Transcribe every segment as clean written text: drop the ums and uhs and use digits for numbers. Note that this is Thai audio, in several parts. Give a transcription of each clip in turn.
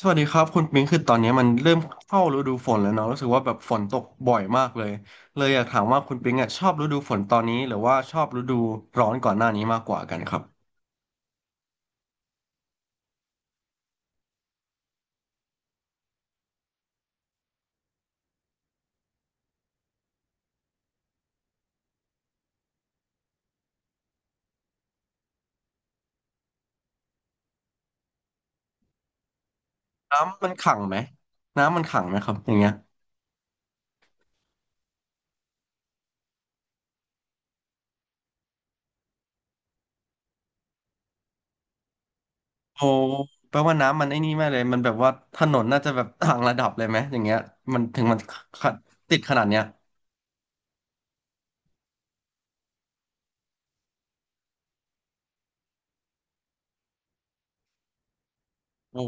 สวัสดีครับคุณปิงคือตอนนี้มันเริ่มเข้าฤดูฝนแล้วเนาะรู้สึกว่าแบบฝนตกบ่อยมากเลยเลยอยากถามว่าคุณปิงอ่ะชอบฤดูฝนตอนนี้หรือว่าชอบฤดูร้อนก่อนหน้านี้มากกว่ากันครับน้ำมันขังไหมน้ำมันขังไหมครับอย่างเงี้ยโอ้แปลว่าน้ำมันไอ้นี่แม่เลยมันแบบว่าถนนน่าจะแบบต่างระดับเลยไหมอย่างเงี้ยมันถึงมันขะติดขนาดเนี้ยโอ้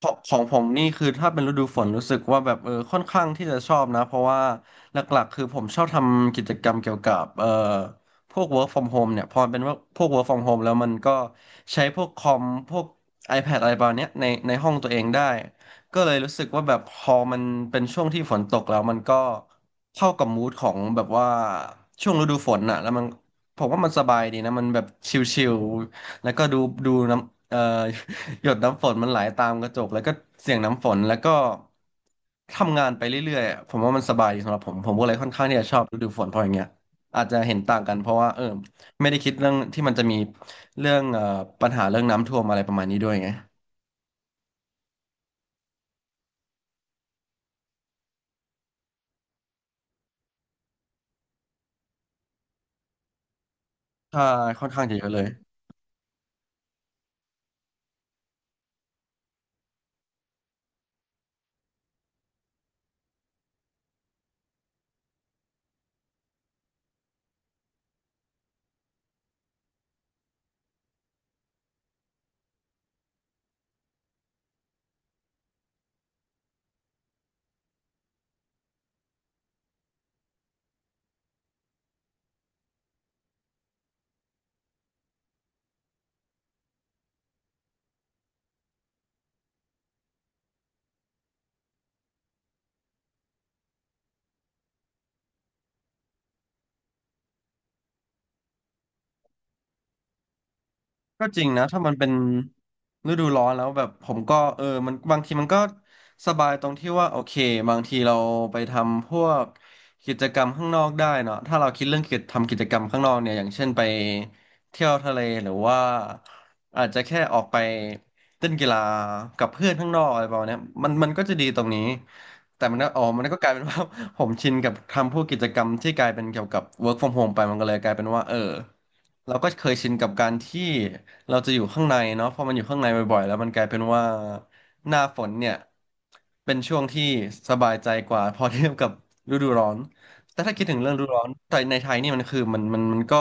ของของผมนี่คือถ้าเป็นฤดูฝนรู้สึกว่าแบบค่อนข้างที่จะชอบนะเพราะว่าหลักๆคือผมชอบทำกิจกรรมเกี่ยวกับพวก work from home เนี่ยพอมันเป็นว่าพวก work from home แล้วมันก็ใช้พวกคอมพวก iPad อะไรประมาณเนี้ยในห้องตัวเองได้ก็เลยรู้สึกว่าแบบพอมันเป็นช่วงที่ฝนตกแล้วมันก็เข้ากับมูดของแบบว่าช่วงฤดูฝนน่ะแล้วมันผมว่ามันสบายดีนะมันแบบชิลๆแล้วก็ดูน้ำหยดน้ำฝนมันไหลตามกระจกแล้วก็เสียงน้ำฝนแล้วก็ทำงานไปเรื่อยๆอะผมว่ามันสบายดีสำหรับผมก็เลยค่อนข้างที่จะชอบฤดูฝนเพราะอย่างเงี้ยอาจจะเห็นต่างกันเพราะว่าไม่ได้คิดเรื่องที่มันจะมีเรื่องปัญหาเรื่องน้ำท่วมอะไรประมาณนี้ด้วยไงใช่ค่อนข้างจะเยอะเลย ก็จริงนะถ้ามันเป็นฤดูร้อนแล้วแบบผมก็มันบางทีมันก็สบายตรงที่ว่าโอเคบางทีเราไปทำพวกกิจกรรมข้างนอกได้เนาะถ้าเราคิดเรื่องกิจทำกิจกรรมข้างนอกเนี่ยอย่างเช่นไปเที่ยวทะเลหรือว่าอาจจะแค่ออกไปเล่นกีฬากับเพื่อนข้างนอกอะไรประมาณเนี้ยมันก็จะดีตรงนี้แต่มันก็อ๋อมันก็กลายเป็น ว่า ผมชินกับทำพวกกิจกรรมที่กลายเป็นเกี่ยวกับ work from home ไปมันก็เลยกลายเป็นว่าเราก็เคยชินกับการที่ เราจะอยู่ข้างในเนาะพอมันอยู่ข้างในบ่อยๆแล้วมันกลายเป็นว่าหน้าฝนเนี่ยเป็นช่วงที่สบายใจกว่าพอเทียบกับฤดูร้อนแต่ถ้าคิดถึงเรื่องฤดูร้อนแต่ในไทยนี่มันคือมันก็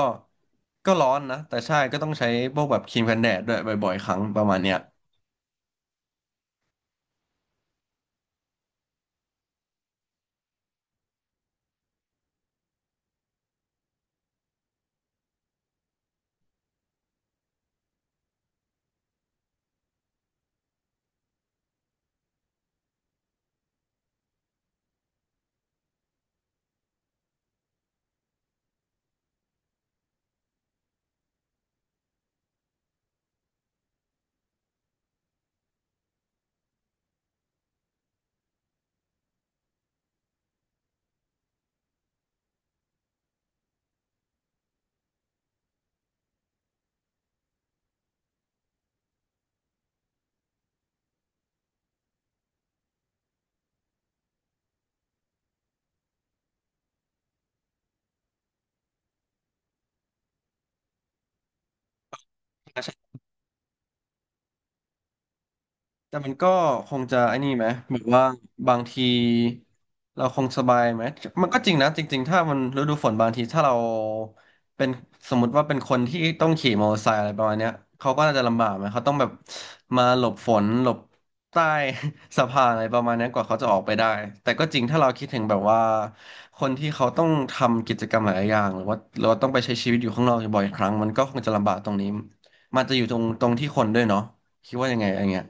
ก็ร้อนนะแต่ใช่ก็ต้องใช้พวกแบบครีมกันแดดด้วยบ่อยๆครั้งประมาณเนี้ย แต่มันก็คงจะไอ้นี่ไหมแบบว่าบางทีเราคงสบายไหมมันก็จริงนะจริงๆถ้ามันฤดูฝนบางทีถ้าเราเป็นสมมติว่าเป็นคนที่ต้องขี่มอเตอร์ไซค์อะไรประมาณเนี้ยเขาก็น่าจะลำบากไหมเขาต้องแบบมาหลบฝนหลบใต้ สะพานอะไรประมาณนั้นกว่าเขาจะออกไปได้แต่ก็จริงถ้าเราคิดถึงแบบว่าคนที่เขาต้องทำกิจกรรมหลายอย่างหรือว่าเราต้องไปใช้ชีวิตอยู่ข้างนอกบ่อยครั้งมันก็คงจะลำบากตรงนี้มันจะอยู่ตรงที่คนด้วยเนาะคิดว่ายังไงอะไรเงี้ย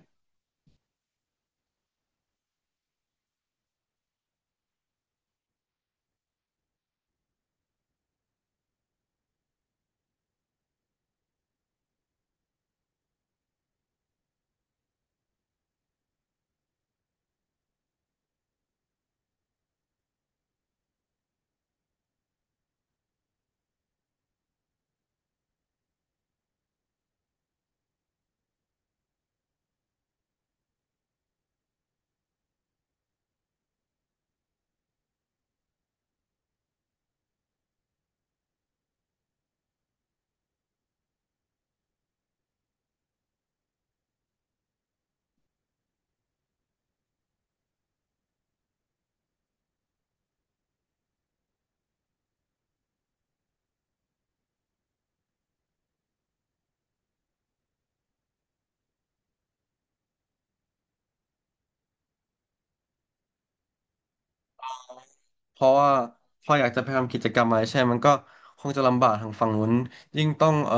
เพราะว่าพออยากจะไปทำกิจกรรมอะไรใช่มันก็คงจะลำบากทางฝั่งนู้นยิ่งต้อง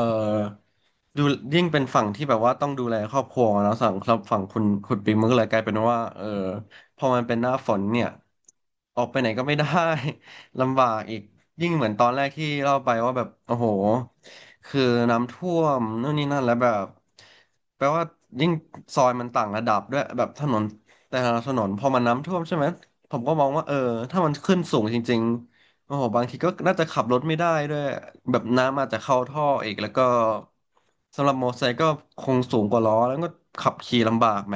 ดูยิ่งเป็นฝั่งที่แบบว่าต้องดูแลครอบครัวแล้วสั่งครับฝั่งคุณปิงมันก็เลยกลายเป็นว่าพอมันเป็นหน้าฝนเนี่ยออกไปไหนก็ไม่ได้ ลำบากอีกยิ่งเหมือนตอนแรกที่เล่าไปว่าแบบโอ้โหคือน้ำท่วมนู่นนี่นั่นแล้วแบบแปลว่ายิ่งซอยมันต่างระดับด้วยแบบถนนแต่ละถนนพอมันน้ำท่วมใช่ไหม ผมก็มองว่าถ้ามันขึ้นสูงจริงๆโอ้โหบางทีก็น่าจะขับรถไม่ได้ด้วยแบบน้ำอาจจะเข้าท่ออีกแล้วก็สำหรับมอเตอร์ไซค์ก็คงสูงกว่าล้อแล้วก็ขับขี่ลำบากไหม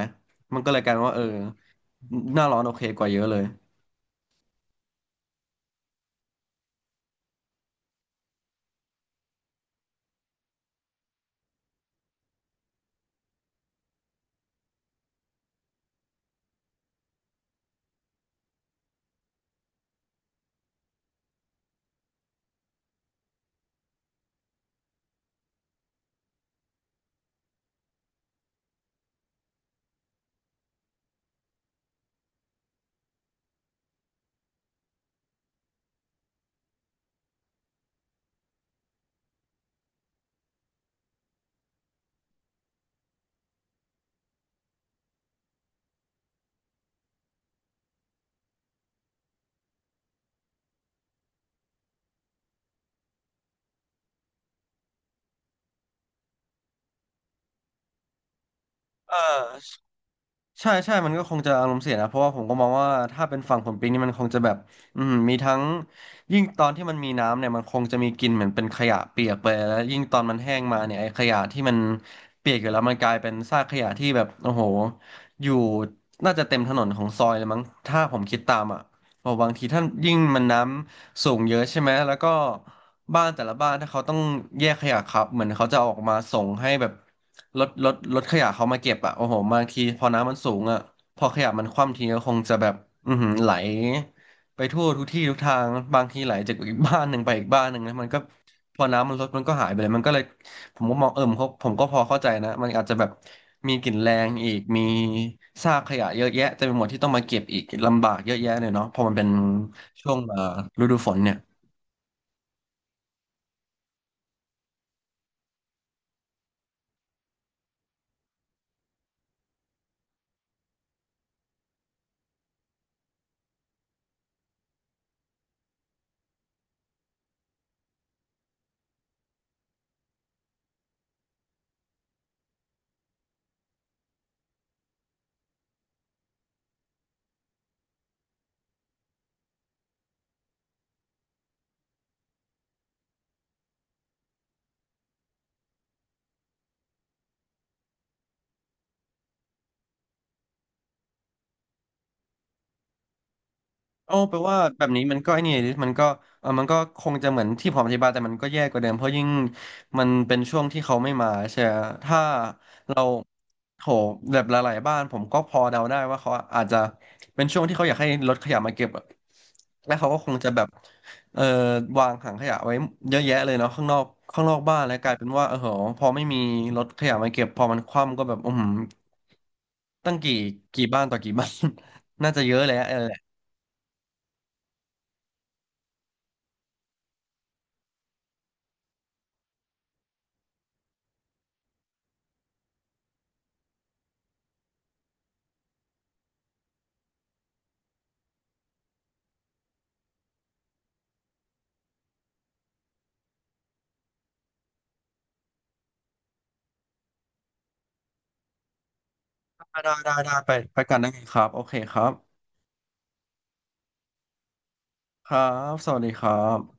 มันก็เลยกลายเป็นว่าหน้าร้อนโอเคกว่าเยอะเลยเออ ใช่ใช่ มันก็คงจะอารมณ์เสียนะ เพราะว่าผมก็มองว่าถ้าเป็นฝั่งผลปิงนี่มันคงจะแบบมีทั้งยิ่งตอนที่มันมีน้ำเนี่ยมันคงจะมีกลิ่นเหมือนเป็นขยะเปียกไปแล้วยิ่งตอนมันแห้งมาเนี่ยไอ้ขยะที่มันเปียกอยู่แล้วมันกลายเป็นซากขยะที่แบบโอ้โหอยู่น่าจะเต็มถนนของซอยเลยมั้งถ้าผมคิดตามอ่ะเพราะบางทีท่านยิ่งมันน้ำสูงเยอะใช่ไหมแล้วก็บ้านแต่ละบ้านถ้าเขาต้องแยกขยะครับเหมือนเขาจะเอาออกมาส่งให้แบบ รถขยะเขามาเก็บอ่ะโอ้โหบางทีพอน้ำมันสูงอ่ะพอขยะมันคว่ำทีก็คงจะแบบอือหือไหลไปทั่วทุกที่ทุกทางบางทีไหลจากอีกบ้านหนึ่งไปอีกบ้านหนึ่งนะมันก็พอน้ำมันลดมันก็หายไปเลยมันก็เลยผมก็มองผมก็พอเข้าใจนะมันอาจจะแบบมีกลิ่นแรงอีกมีซากขยะเยอะแยะเต็มไปหมดที่ต้องมาเก็บอีกลำบากเยอะแยะเลยเนาะพอมันเป็นช่วงฤดูฝนเนี่ย โอ้แปลว่าแบบนี้มันก็ไอ้นี่ดิมันก็มันก็คงจะเหมือนที่ผมอธิบายแต่มันก็แย่กว่าเดิมเพราะยิ่งมันเป็นช่วงที่เขาไม่มาใช่ไหมถ้าเราโถแบบหลายๆบ้านผมก็พอเดาได้ว่าเขาอาจจะเป็นช่วงที่เขาอยากให้รถขยะมาเก็บอะและเขาก็คงจะแบบเออวางถังขยะไว้เยอะแยะเลยเนาะข้างนอกบ้านแล้วกลายเป็นว่าเออโหพอไม่มีรถขยะมาเก็บพอมันคว่ำก็แบบตั้งกี่กี่บ้านต่อกี่บ้าน น่าจะเยอะแล้ว ได้ได้ได้ได้ไปไปกันได้ไงครับโอเคครับครับสวัสดีครับ